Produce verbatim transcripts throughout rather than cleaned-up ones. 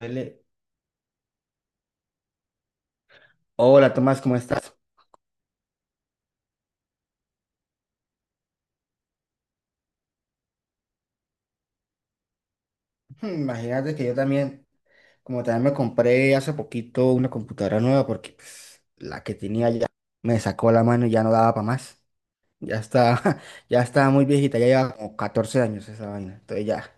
Dele. Hola Tomás, ¿cómo estás? Imagínate que yo también, como también me compré hace poquito una computadora nueva porque pues, la que tenía ya me sacó la mano y ya no daba para más. Ya está, ya estaba muy viejita, ya lleva como catorce años esa vaina. Entonces ya,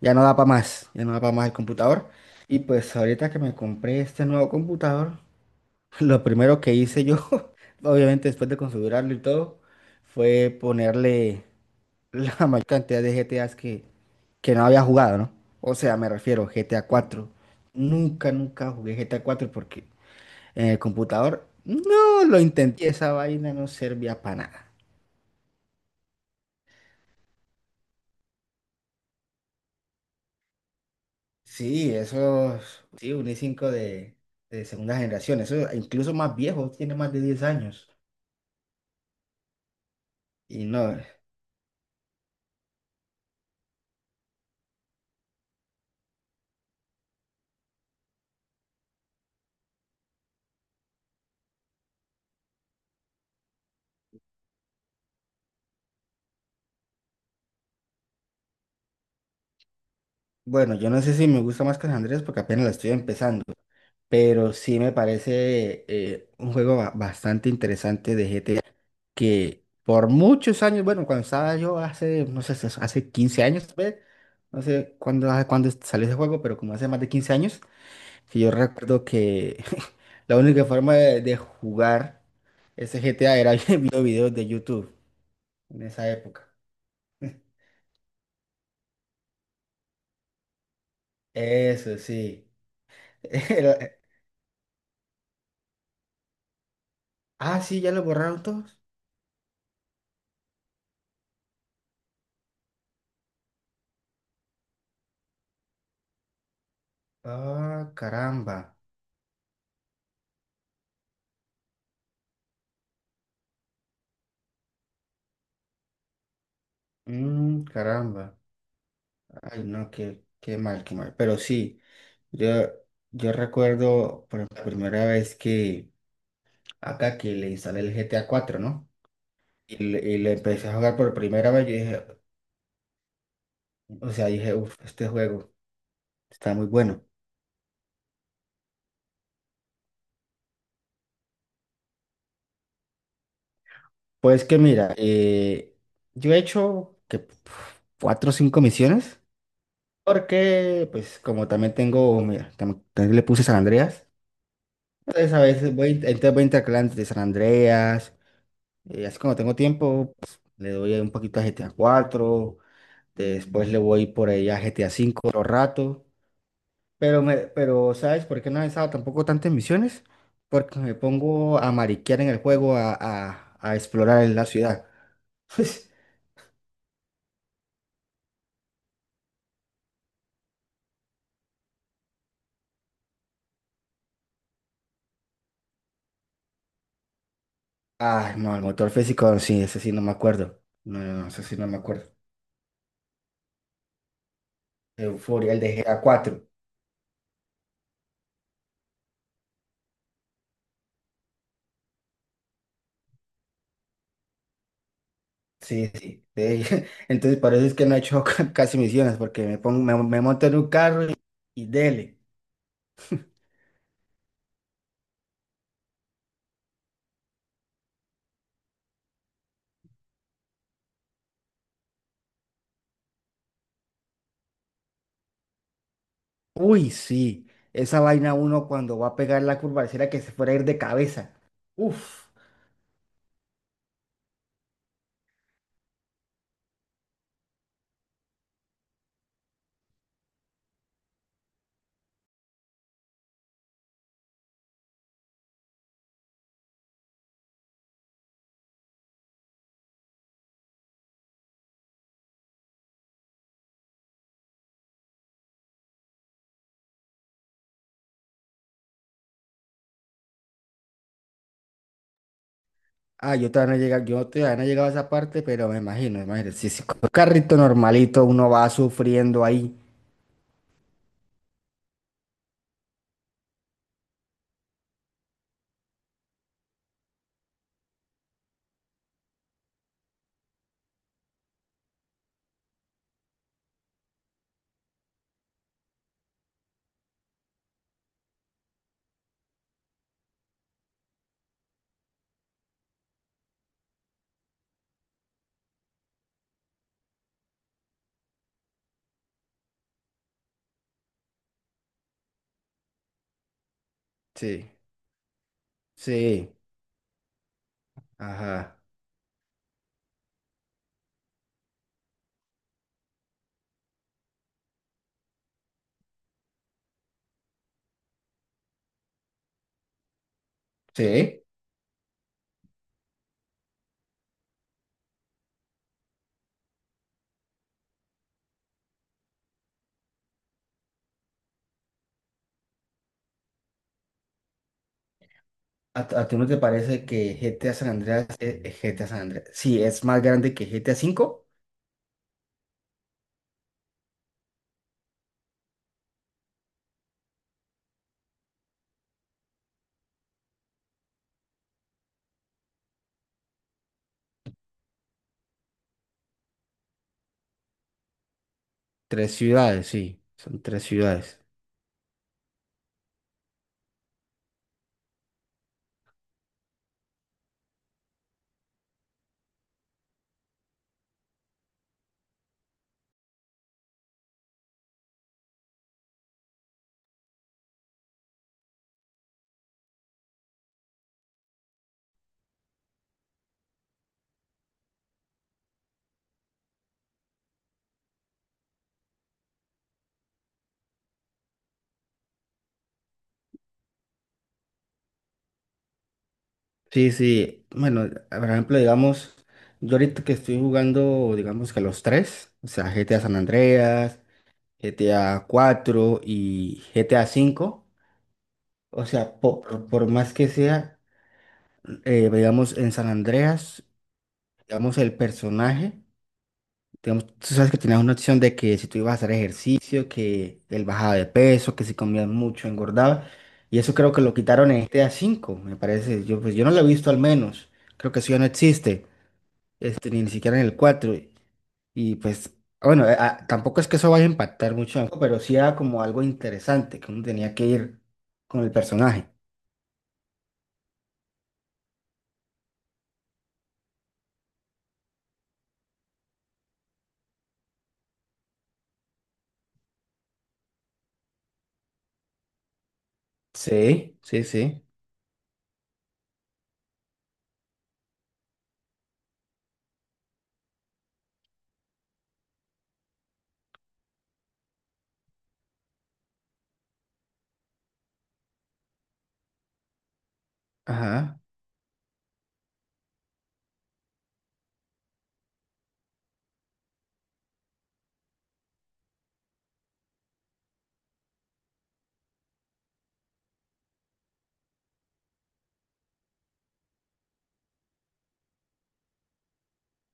ya no da para más, ya no da para más el computador. Y pues ahorita que me compré este nuevo computador, lo primero que hice yo, obviamente después de configurarlo y todo, fue ponerle la mayor cantidad de G T As que que no había jugado, ¿no? O sea, me refiero G T A cuatro. Nunca, nunca jugué G T A cuatro porque en el computador no lo intenté. Esa vaina no servía para nada. Sí, esos, sí, un i cinco de, de, segunda generación, eso incluso más viejo, tiene más de diez años. Y no, bueno, yo no sé si me gusta más que San Andrés porque apenas la estoy empezando, pero sí me parece eh, un juego ba- bastante interesante de G T A. Que por muchos años, bueno, cuando estaba yo hace, no sé, hace quince años, tal vez, no sé cuándo, cuándo, salió ese juego, pero como hace más de quince años, que yo recuerdo que la única forma de, de jugar ese G T A era viendo videos de YouTube en esa época. Eso sí. Era- Ah, sí, ya lo borraron todos. Ah, caramba. Mm, caramba. Ay, no, qué, qué mal, qué mal. Pero sí. Yo, yo recuerdo por la primera vez que acá que le instalé el G T A cuatro, ¿no? Y le, y le empecé a jugar por primera vez, yo dije, o sea, dije, uff, este juego está muy bueno. Pues que mira, eh, yo he hecho que pf, cuatro o cinco misiones, porque pues como también tengo, mira, tam- también le puse San Andreas, entonces a veces voy, entonces voy intercalando de San Andreas, eh, así como tengo tiempo, pues, le doy un poquito a G T A cuatro. Después le voy por ahí a G T A V otro rato. Pero, me, pero ¿sabes por qué no he estado tampoco tantas misiones? Porque me pongo a mariquear en el juego, a, a, a explorar en la ciudad. Ah, no, el motor físico, sí, ese sí no me acuerdo. No, no, no, ese sí no me acuerdo. Euforia, el de G T A cuatro. Sí, sí, sí. Entonces, por eso es que no he hecho casi misiones, porque me pongo, me, me monto en un carro y, y dele. Uy, sí, esa vaina uno cuando va a pegar la curva, pareciera que se fuera a ir de cabeza. Uf. Ah, yo todavía no he llegado, yo todavía no he llegado a esa parte, pero me imagino, me imagino. Si, si con un carrito normalito uno va sufriendo ahí. Sí, sí, ajá. Sí. ¿A, a ti no te parece que G T A San Andreas es es G T A San Andreas? Sí, es más grande que G T A cinco. Tres ciudades, sí, son tres ciudades. Sí, sí. Bueno, por ejemplo, digamos, yo ahorita que estoy jugando, digamos que los tres, o sea, G T A San Andreas, G T A cuatro y G T A cinco, o sea, por, por más que sea, eh, digamos, en San Andreas, digamos, el personaje, digamos, tú sabes que tenías una opción de que si tú ibas a hacer ejercicio, que él bajaba de peso, que si comías mucho, engordaba, y eso creo que lo quitaron en G T A cinco, me parece. Yo, pues, yo no lo he visto al menos, creo que eso ya no existe. este, ni siquiera en el cuatro. Y, pues, bueno, eh, ah, tampoco es que eso vaya a impactar mucho, ¿no? Pero sí era como algo interesante que uno tenía que ir con el personaje. Sí, sí, sí. Ajá.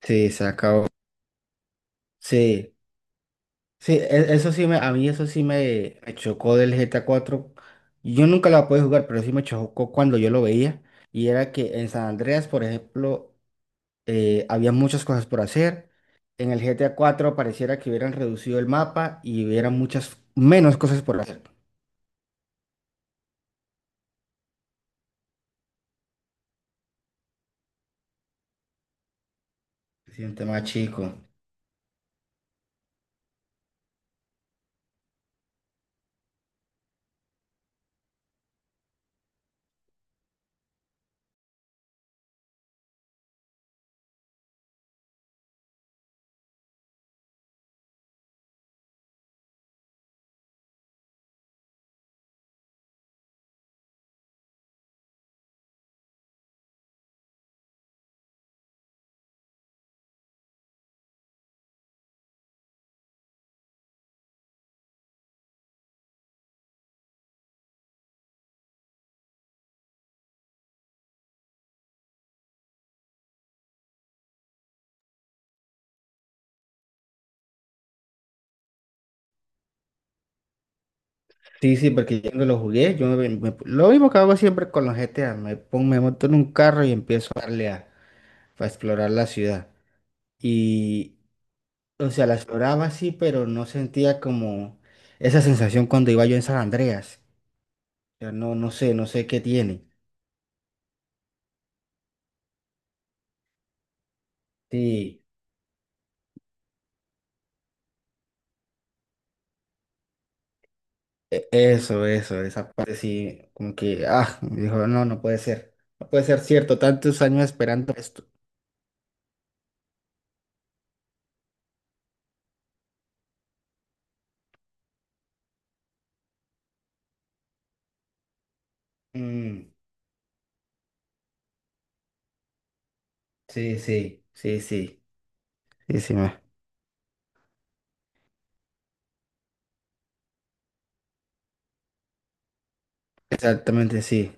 Sí, se acabó. Sí, sí, e- eso sí me, a mí eso sí me, me chocó del G T A cuatro. Yo nunca la pude jugar, pero sí me chocó cuando yo lo veía. Y era que en San Andreas, por ejemplo, eh, había muchas cosas por hacer. En el G T A cuatro pareciera que hubieran reducido el mapa y hubiera muchas menos cosas por hacer. Sí, un tema chico. Sí, sí, porque yo no lo jugué, yo me- me- lo mismo que hago siempre con los G T A, me pongo, me monto en un carro y empiezo a darle a, a explorar la ciudad. Y, o sea, la exploraba sí, pero no sentía como esa sensación cuando iba yo en San Andreas. O sea, no, no sé, no sé qué tiene. Sí. E- Eso, eso, esa parte sí, como que, ah, me dijo, no, no puede ser, no puede ser cierto, tantos años esperando esto. Mm, sí, sí, sí, sí, sí, sí, ma- exactamente, sí.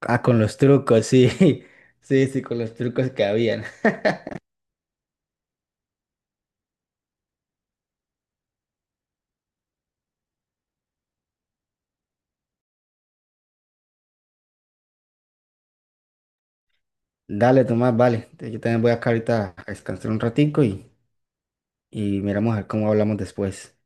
Ah, con los trucos, sí, sí, sí, con los trucos que habían. Dale, Tomás, vale, yo también voy acá ahorita a descansar un ratico y, y miramos a ver cómo hablamos después.